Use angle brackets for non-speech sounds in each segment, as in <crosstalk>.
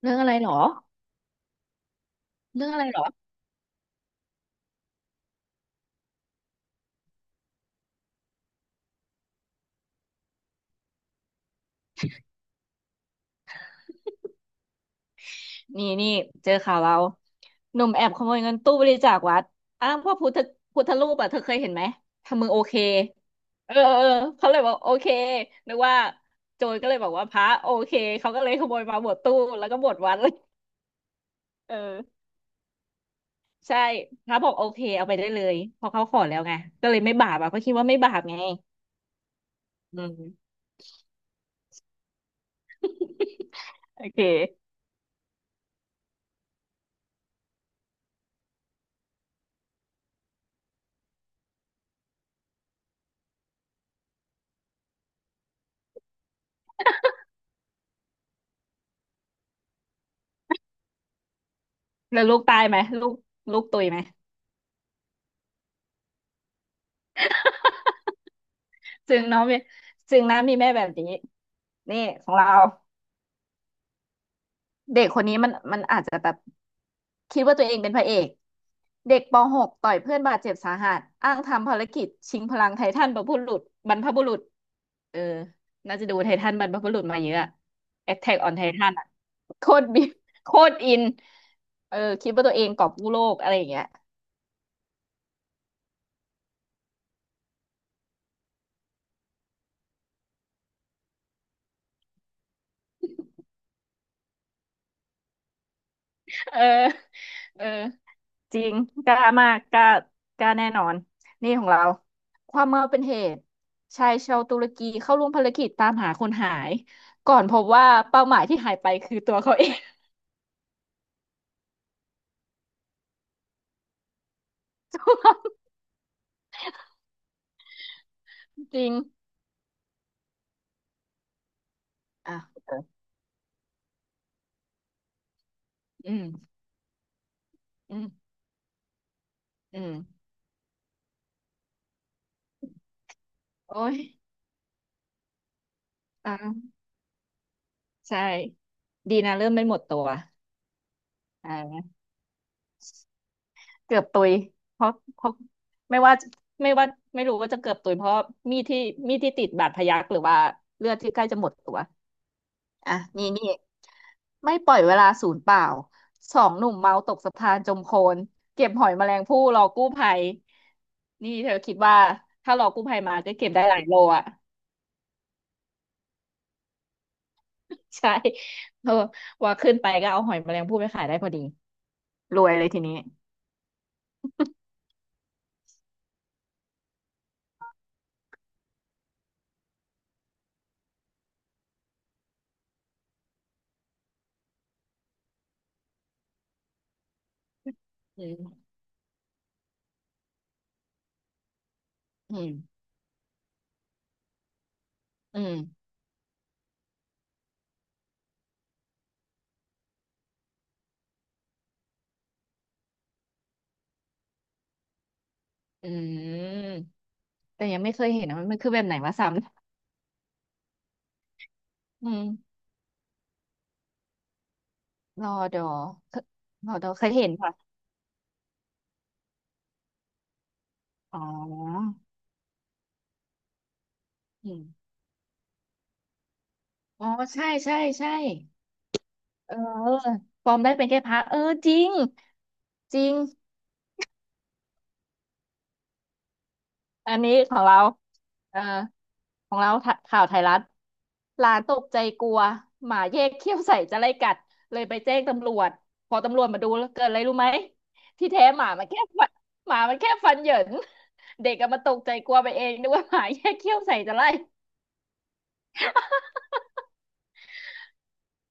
เรื่องอะไรหรอเรื่องอะไรหรอ นี่นี่เจอข่าวเราหนุ่มแอบขโมยเงินตู้บริจาควัดอ้างพวกพุทธรูปอ่ะเธอเคยเห็นไหมทำมือโอเคเออเออเออเขาเลยบอกโอเคนึกว่าโจรก็เลยบอกว่าพระโอเคเขาก็เลยขโมยมาหมดตู้แล้วก็หมดวัด <laughs> เลยเออใช่พระบอกโอเคเอาไปได้เลยเพอเขาขอแล้วไงก็เลยไม่บาปอ่ะเขาคิดว่าไม่บาปไงอืมโอเคแล้วลูกตายไหมลูกลูกตุยไหม จึงเนาะมีจึงนะมีแม่แบบนี้นี่ของเราเด็กคนนี้มันอาจจะแบบคิดว่าตัวเองเป็นพระเอกเด็กป .6 ต่อยเพื่อนบาดเจ็บสาหัสอ้างทำภารกิจชิงพลังไททันบรรพบุรุษบรรพบุรุษเออน่าจะดูไททันบรรพบุรุษมาเยอะอะ Attack on Titan อะโคตรบิบโคตรอินเออคิดว่าตัวเองกอบกู้โลกอะไรอย่างเงี้ยเออเออ จริงกล้ามากกล้ากล้าแน่นอนนี่ของเราความเมาเป็นเหตุชายชาวตุรกีเข้าร่วมภารกิจตามหาคนหายก่อนพบว่าเป้าหมายที่หายไปคือตัวเขาเอง <laughs> จริงอ่ะเอออืมอืมอืมโอ้ยอ่าใช่ดีนะเริ่มไม่หมดตัวอ่าเกือบตุยเพราะไม่ว่าไม่ว่าไม่รู้ว่าจะเกือบตุยเพราะมีดที่มีดที่ติดบาดพยักหรือว่าเลือดที่ใกล้จะหมดตัว อ่ะนี่นี่ไม่ปล่อยเวลาศูนย์เปล่าสองหนุ่มเมาตกสะพานจมโคลนเก็บหอยแมลงภู่รอกู้ภัยนี่เธอคิดว่าถ้ารอกู้ภัยมาจะเก็บได้หลายโลอ่ะ <laughs> ใช่เออว่าขึ้นไปก็เอาหอยแมลงภู่ไปขายได้พอดีรวยเลยทีนี้อืมอืมอืมอืมแต่ยังไม่เคยเห็นนะมันคือแบบไหนวะซ้ำอืมรอดอเครอดอเคยเห็นค่ะอ๋ออืมอ๋อใช่ใช่ใช่ เออปลอมได้เป็นแค่พระเออจริงจริงอันนี้ของเราเออของเราข่าวไทยรัฐหลานตกใจกลัวหมาแยกเขี้ยวใส่จะไล่กัดเลยไปแจ้งตำรวจพอตำรวจมาดูแล้วเกิดอะไรรู้ไหมที่แท้หมามันแค่ฟันหมามันแค่ฟันเหยิน <laughs> เด็กก็มาตกใจกลัวไปเองนึกว่าหมาแยกเขี้ยวใส่จะไล่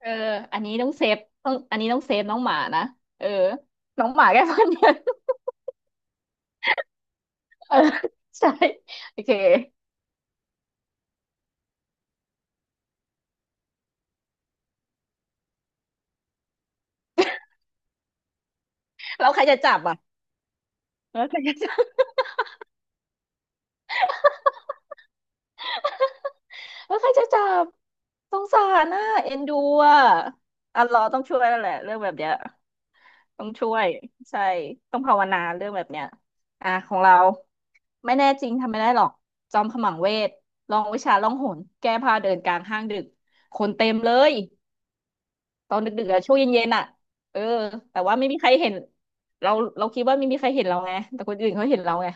เอออันนี้ต้องเซฟต้องอันนี้ต้องเซฟน้องหมานะเออน้องหมาแค่ฟันเหยิน <laughs> เออใช่โอเคแล้วใครจะจับอ่ะ แล้วใครจะจับแล้วใครจะจับสงสารน่ะเอ็นดูอ่ะอัลเลอฮ์ต้องช่วยแล้วแหละเรื่องแบบเนี้ยต้องช่วยใช่ต้องภาวนาเรื่องแบบเนี้ยอ่ะของเราไม่แน่จริงทำไม่ได้หรอกจอมขมังเวทลองวิชาล่องหนแก้ผ้าเดินกลางห้างดึกคนเต็มเลยตอนดึกๆอะช่วงเย็นๆอ่ะเออแต่ว่าไม่มีใครเห็นเราเราคิดว่าไม่มีใครเห็นเราไงแต่คนอื่นเขาเห็นเราไง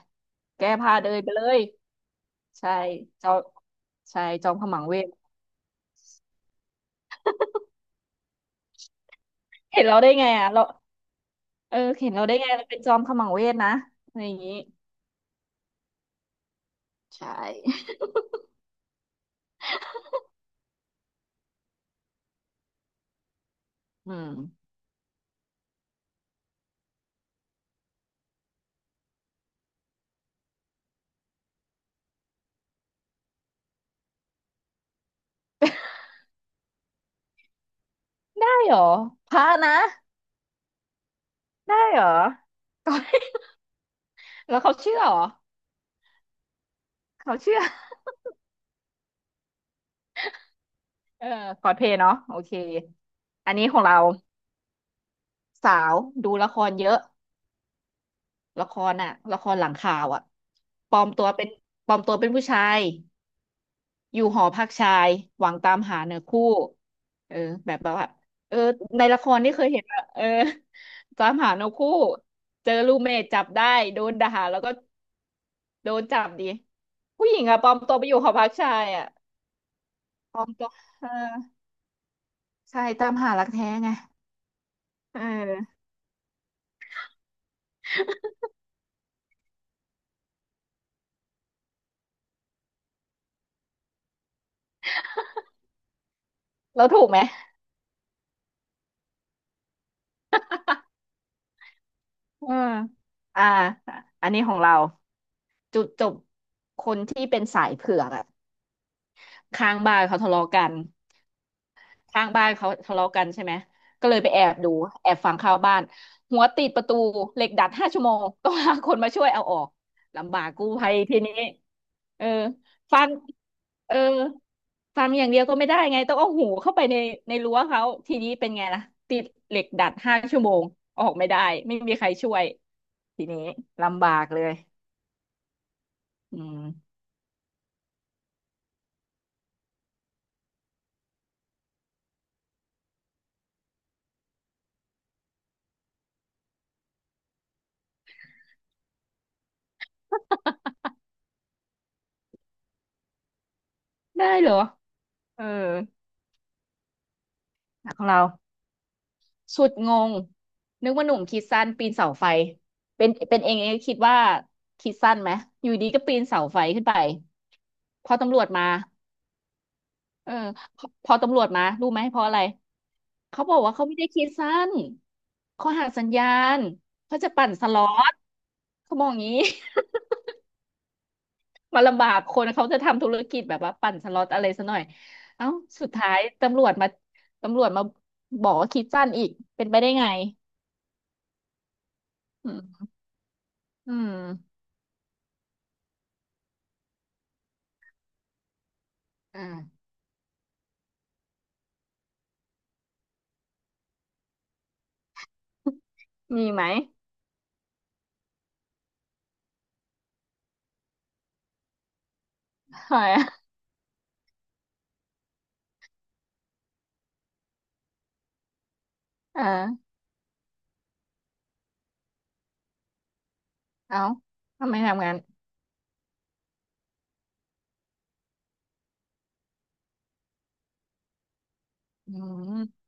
แก้ผ้าเดินไปเลยใช่จอมใช่จอมขมังเวท เห็นเราได้ไงอ่ะเราเออเห็นเราได้ไงเราเป็นจอมขมังเวทนะอะไรอย่างนี้ใช่อืมได้เหรอพระนะได้เหรอ <laughs> แล้วเขาเชื่อเหรอเขาเชื่อเออคอสเพลย์เนาะโอเคอันนี้ของเราสาวดูละครเยอะละครอ่ะละครหลังข่าวอ่ะปลอมตัวเป็นปลอมตัวเป็นผู้ชาย อยู่หอพักชายหวังตามหาเนื้อคู่เออแบบว่าเออในละครที่เคยเห็นอะเออ <laughs> ตามหาเนื้อคู่เจอรูเมทจับได้โดนด่าแล้วก็โดนจับดีผู้หญิงอะปลอมตัวไปอยู่หอพักชายอะปลอมตัวเออใช่ตามหารักแท้ไงเออเราถูกไหมเอออ่าอันนี้ของเราจุดจบคนที่เป็นสายเผือกอะข้างบ้านเขาทะเลาะกัน ข้างบ้านเขาทะเลาะกันใช่ไหมก็เลยไปแอบดูแอบฟังข่าวบ้านหัวติดประตูเหล็กดัดห้าชั่วโมงต้องหาคนมาช่วยเอาออกลำบากกู้ภัยทีนี้เออฟังเออฟังอย่างเดียวก็ไม่ได้ไงต้องเอาหูเข้าไปในในรั้วเขาทีนี้เป็นไงล่ะติดเหล็กดัดห้าชั่วโมงออกไม่ได้ไม่มีใครช่วยทีนี้ลำบากเลยอืมได้เหรอเออของเรา สุดงงนึกว่าหนุ่มคิดสั้นปีนเสาไฟเป็นเองคิดว่าคิดสั้นไหมอยู่ดีก็ปีนเสาไฟขึ้นไปพอตำรวจมาเออพอตำรวจมารู้ไหมเพราะอะไรเขาบอกว่าเขาไม่ได้คิดสั้นเขาหักสัญญาณเขาจะปั่นสล็อตเขาบอกอย่างนี้ <laughs> มาลำบากคนเขาจะทำธุรกิจแบบว่าปั่นสล็อตอะไรซะหน่อยเอ้าสุดท้ายตำรวจมาตำรวจมาบอกว่าคิดสั้นอีกเป็นไปได้ไงอืมอืมอ่า มีไหมหอยอะ <laughs> อ่าเอาทำไมทำงานอืม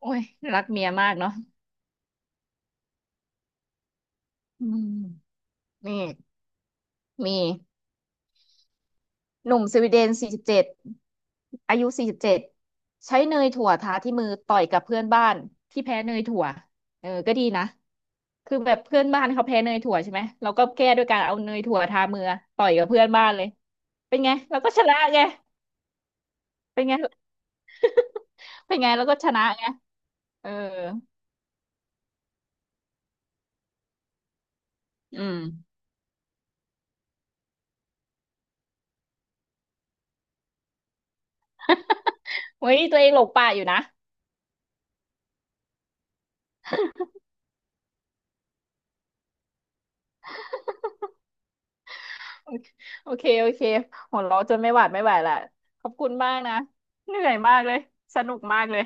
โอ้ยรักเมียมากเนาะอืมนี่มีหนุ่มสวีเดนสี่สิบเจ็ดอายุสี่สิบเจ็ดใช้เนยถั่วทาที่มือต่อยกับเพื่อนบ้านที่แพ้เนยถั่วเออก็ดีนะคือแบบเพื่อนบ้านเขาแพ้เนยถั่วใช่ไหมเราก็แก้ด้วยการเอาเนยถั่วทามือต่อยกับเพื่อนบ้านเลยเป็นไงเราก็ชนะไงเป็นไงเป็นไงเราก็ชนะไงเอออืมเฮ้ยตัวเองหลงป่าอยู่นะ โอเคโอเคโอเคหัวเราะจนไม่หวาดไม่ไหวละขอบคุณมากนะเหนื่อยมากเลย สนุกมากเลย